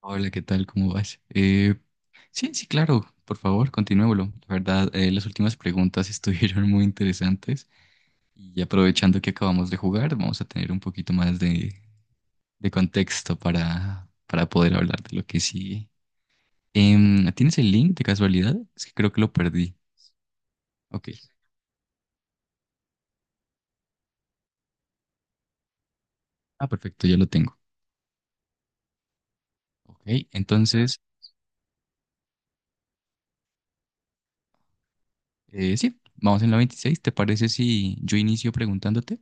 Hola, ¿qué tal? ¿Cómo vas? Sí, claro, por favor, continuémoslo. La verdad, las últimas preguntas estuvieron muy interesantes y aprovechando que acabamos de jugar, vamos a tener un poquito más de contexto para poder hablar de lo que sigue. ¿Tienes el link de casualidad? Es que creo que lo perdí. Ok. Ah, perfecto, ya lo tengo. Ok, entonces, sí, vamos en la 26. ¿Te parece si yo inicio preguntándote?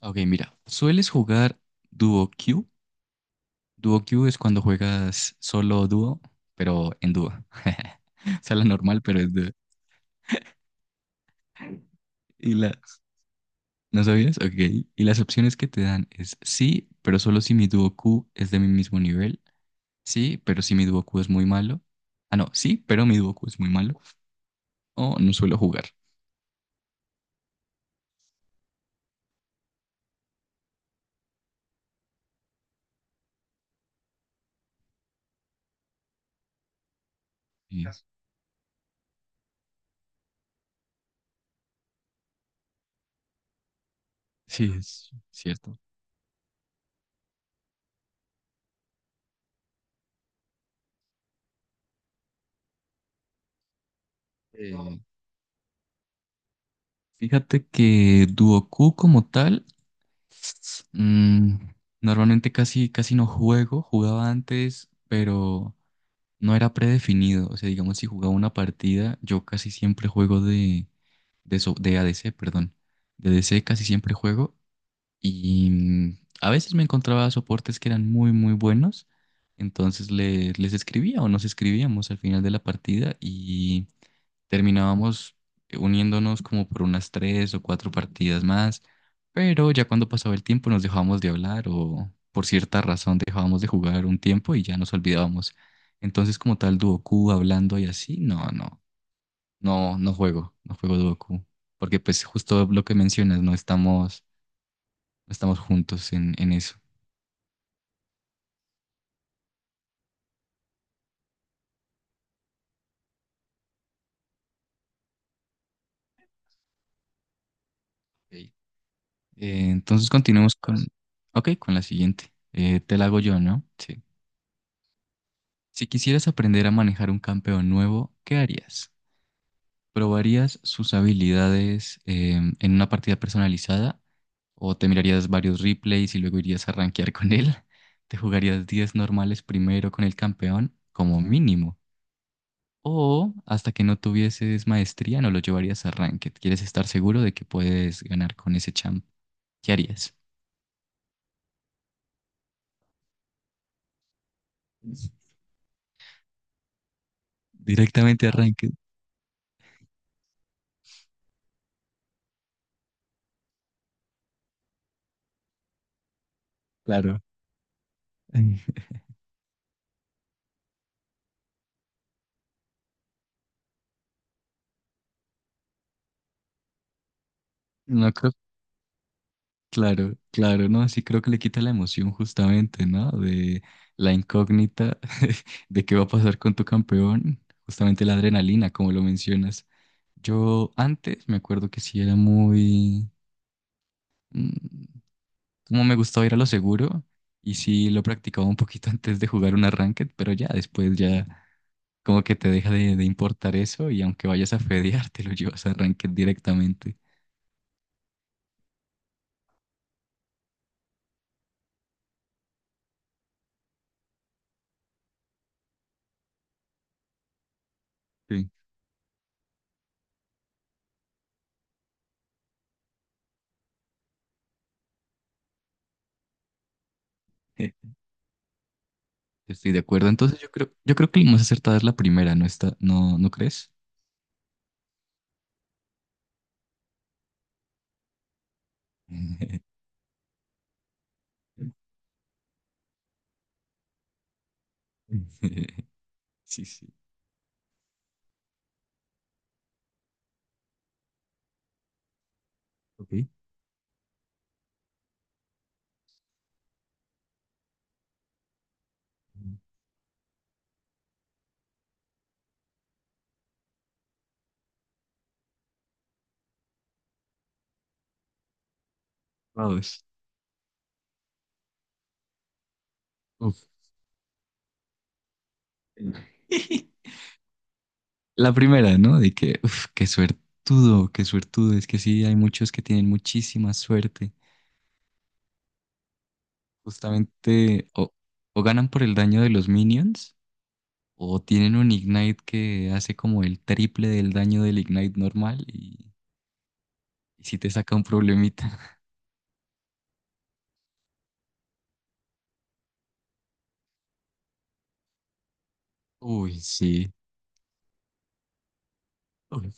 Ok, mira, ¿sueles jugar Duo? Duo Q es cuando juegas solo o dúo, pero en dúo. O sea, la normal, pero es dúo. ¿Y las? ¿No sabías? Ok. Y las opciones que te dan es sí, pero solo si mi dúo Q es de mi mismo nivel. Sí, pero si mi dúo Q es muy malo. Ah, no, sí, pero mi dúo Q es muy malo. O no suelo jugar. Sí, sí, es cierto. Eh, fíjate que dúo Q como tal, mm, normalmente casi no juego. Jugaba antes, pero no era predefinido. O sea, digamos, si jugaba una partida, yo casi siempre juego de ADC, perdón. De ADC casi siempre juego y mm, a veces me encontraba soportes que eran muy, muy buenos. Entonces les escribía o nos escribíamos al final de la partida y terminábamos uniéndonos como por unas tres o cuatro partidas más. Pero ya cuando pasaba el tiempo nos dejábamos de hablar o por cierta razón dejábamos de jugar un tiempo y ya nos olvidábamos. Entonces como tal Duoku hablando y así, no juego, no juego Duoku. Porque pues justo lo que mencionas, no estamos. Estamos juntos en eso. Ok. Entonces continuemos con, ok, con la siguiente. Te la hago yo, ¿no? Sí. Si quisieras aprender a manejar un campeón nuevo, ¿qué harías? ¿Probarías sus habilidades en una partida personalizada? ¿O te mirarías varios replays y luego irías a rankear con él? ¿Te jugarías 10 normales primero con el campeón, como mínimo? ¿O hasta que no tuvieses maestría no lo llevarías a ranked? ¿Quieres estar seguro de que puedes ganar con ese champ? ¿Qué harías? Directamente arranque, claro. No creo, claro, claro, no, sí creo que le quita la emoción justamente, ¿no? De la incógnita de qué va a pasar con tu campeón, justamente la adrenalina, como lo mencionas. Yo antes me acuerdo que sí era muy, mm, como me gustaba ir a lo seguro y sí lo practicaba un poquito antes de jugar un ranked, pero ya después ya como que te deja de importar eso y aunque vayas a fedear, te lo llevas a ranked directamente. Sí. Estoy de acuerdo. Entonces yo creo que la más acertada es la primera, ¿no está? ¿No, no crees? Sí, sí. Ok. Vamos. Uf. La primera, ¿no? De que, uf, qué suertudo, qué suertudo. Es que sí, hay muchos que tienen muchísima suerte. Justamente o ganan por el daño de los minions o tienen un ignite que hace como el triple del daño del ignite normal y sí te saca un problemita. Uy, sí. Uy.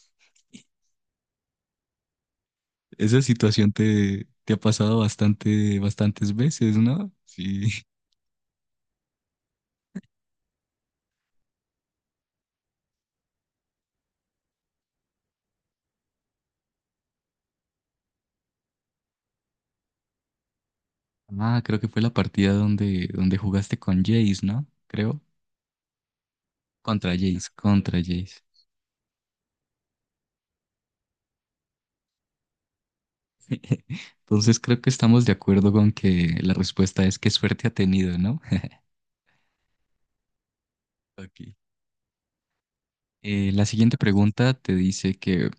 Esa situación te, te ha pasado bastante, bastantes veces, ¿no? Sí. Ah, creo que fue la partida donde jugaste con Jace, ¿no? Creo. Contra Jace, contra Jace. Entonces creo que estamos de acuerdo con que la respuesta es qué suerte ha tenido, ¿no? Ok. La siguiente pregunta te dice que,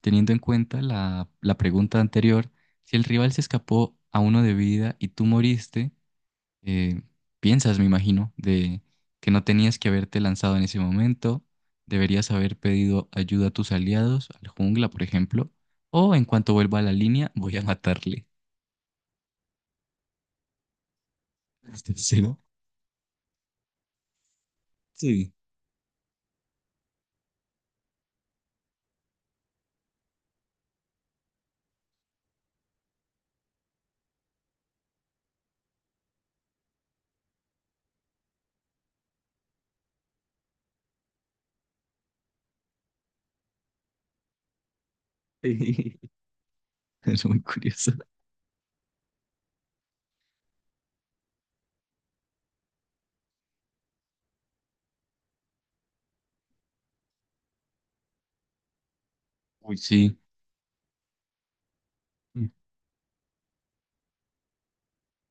teniendo en cuenta la pregunta anterior, si el rival se escapó a uno de vida y tú moriste, eh, piensas, me imagino, de que no tenías que haberte lanzado en ese momento, deberías haber pedido ayuda a tus aliados, al jungla, por ejemplo, o en cuanto vuelva a la línea, voy a matarle. ¿Estás seguro? Sí. Es muy curioso. Uy, sí. Mm.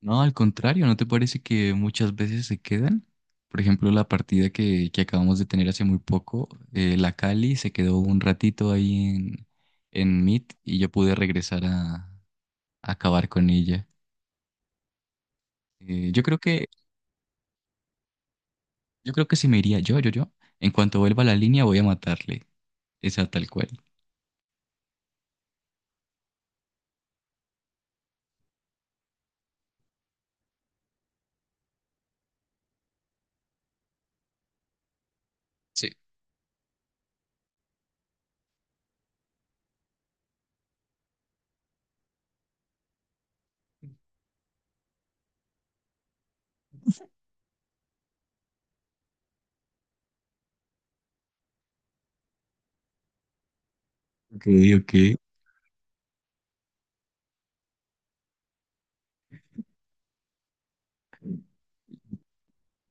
No, al contrario, ¿no te parece que muchas veces se quedan? Por ejemplo, la partida que acabamos de tener hace muy poco, la Cali se quedó un ratito ahí en Meet y yo pude regresar a, acabar con ella. Eh, yo creo que, yo creo que si me iría yo, en cuanto vuelva a la línea voy a matarle. Esa tal cual. Sí. Ok, ok.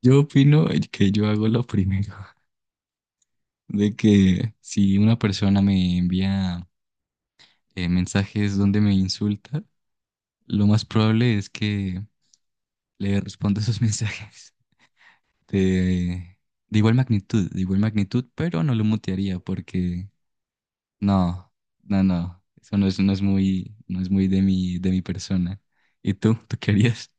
Yo opino que yo hago lo primero, de que si una persona me envía mensajes donde me insulta, lo más probable es que le responda esos mensajes de, de igual magnitud, pero no lo mutearía porque no, no, no. Eso no es, no es muy, no es muy de mi persona. ¿Y tú? ¿Tú qué harías?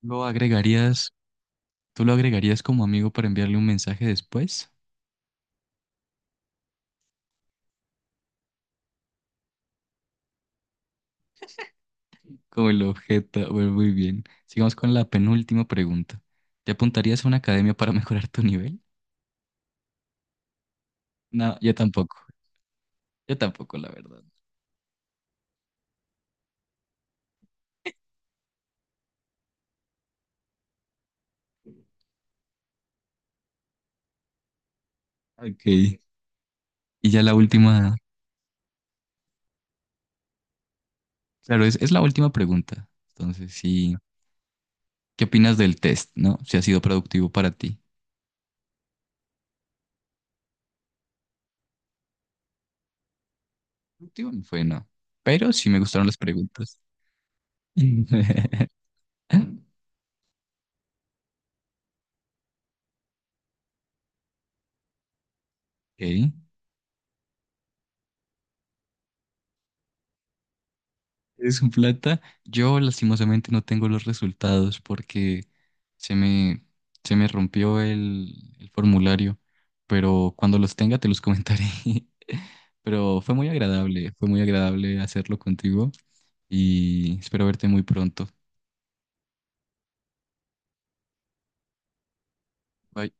¿Lo agregarías? ¿Tú lo agregarías como amigo para enviarle un mensaje después? Como el objeto. Bueno, muy bien. Sigamos con la penúltima pregunta. ¿Te apuntarías a una academia para mejorar tu nivel? No, yo tampoco. Yo tampoco, la verdad. Ok. Y ya la última. Claro, es la última pregunta. Entonces, sí. ¿Qué opinas del test, no? Si ha sido productivo para ti. Último no fue, no. Pero sí me gustaron las preguntas. Ok. Es un plata. Yo lastimosamente no tengo los resultados porque se me, se me rompió el formulario. Pero cuando los tenga te los comentaré. Pero fue muy agradable hacerlo contigo y espero verte muy pronto. Bye.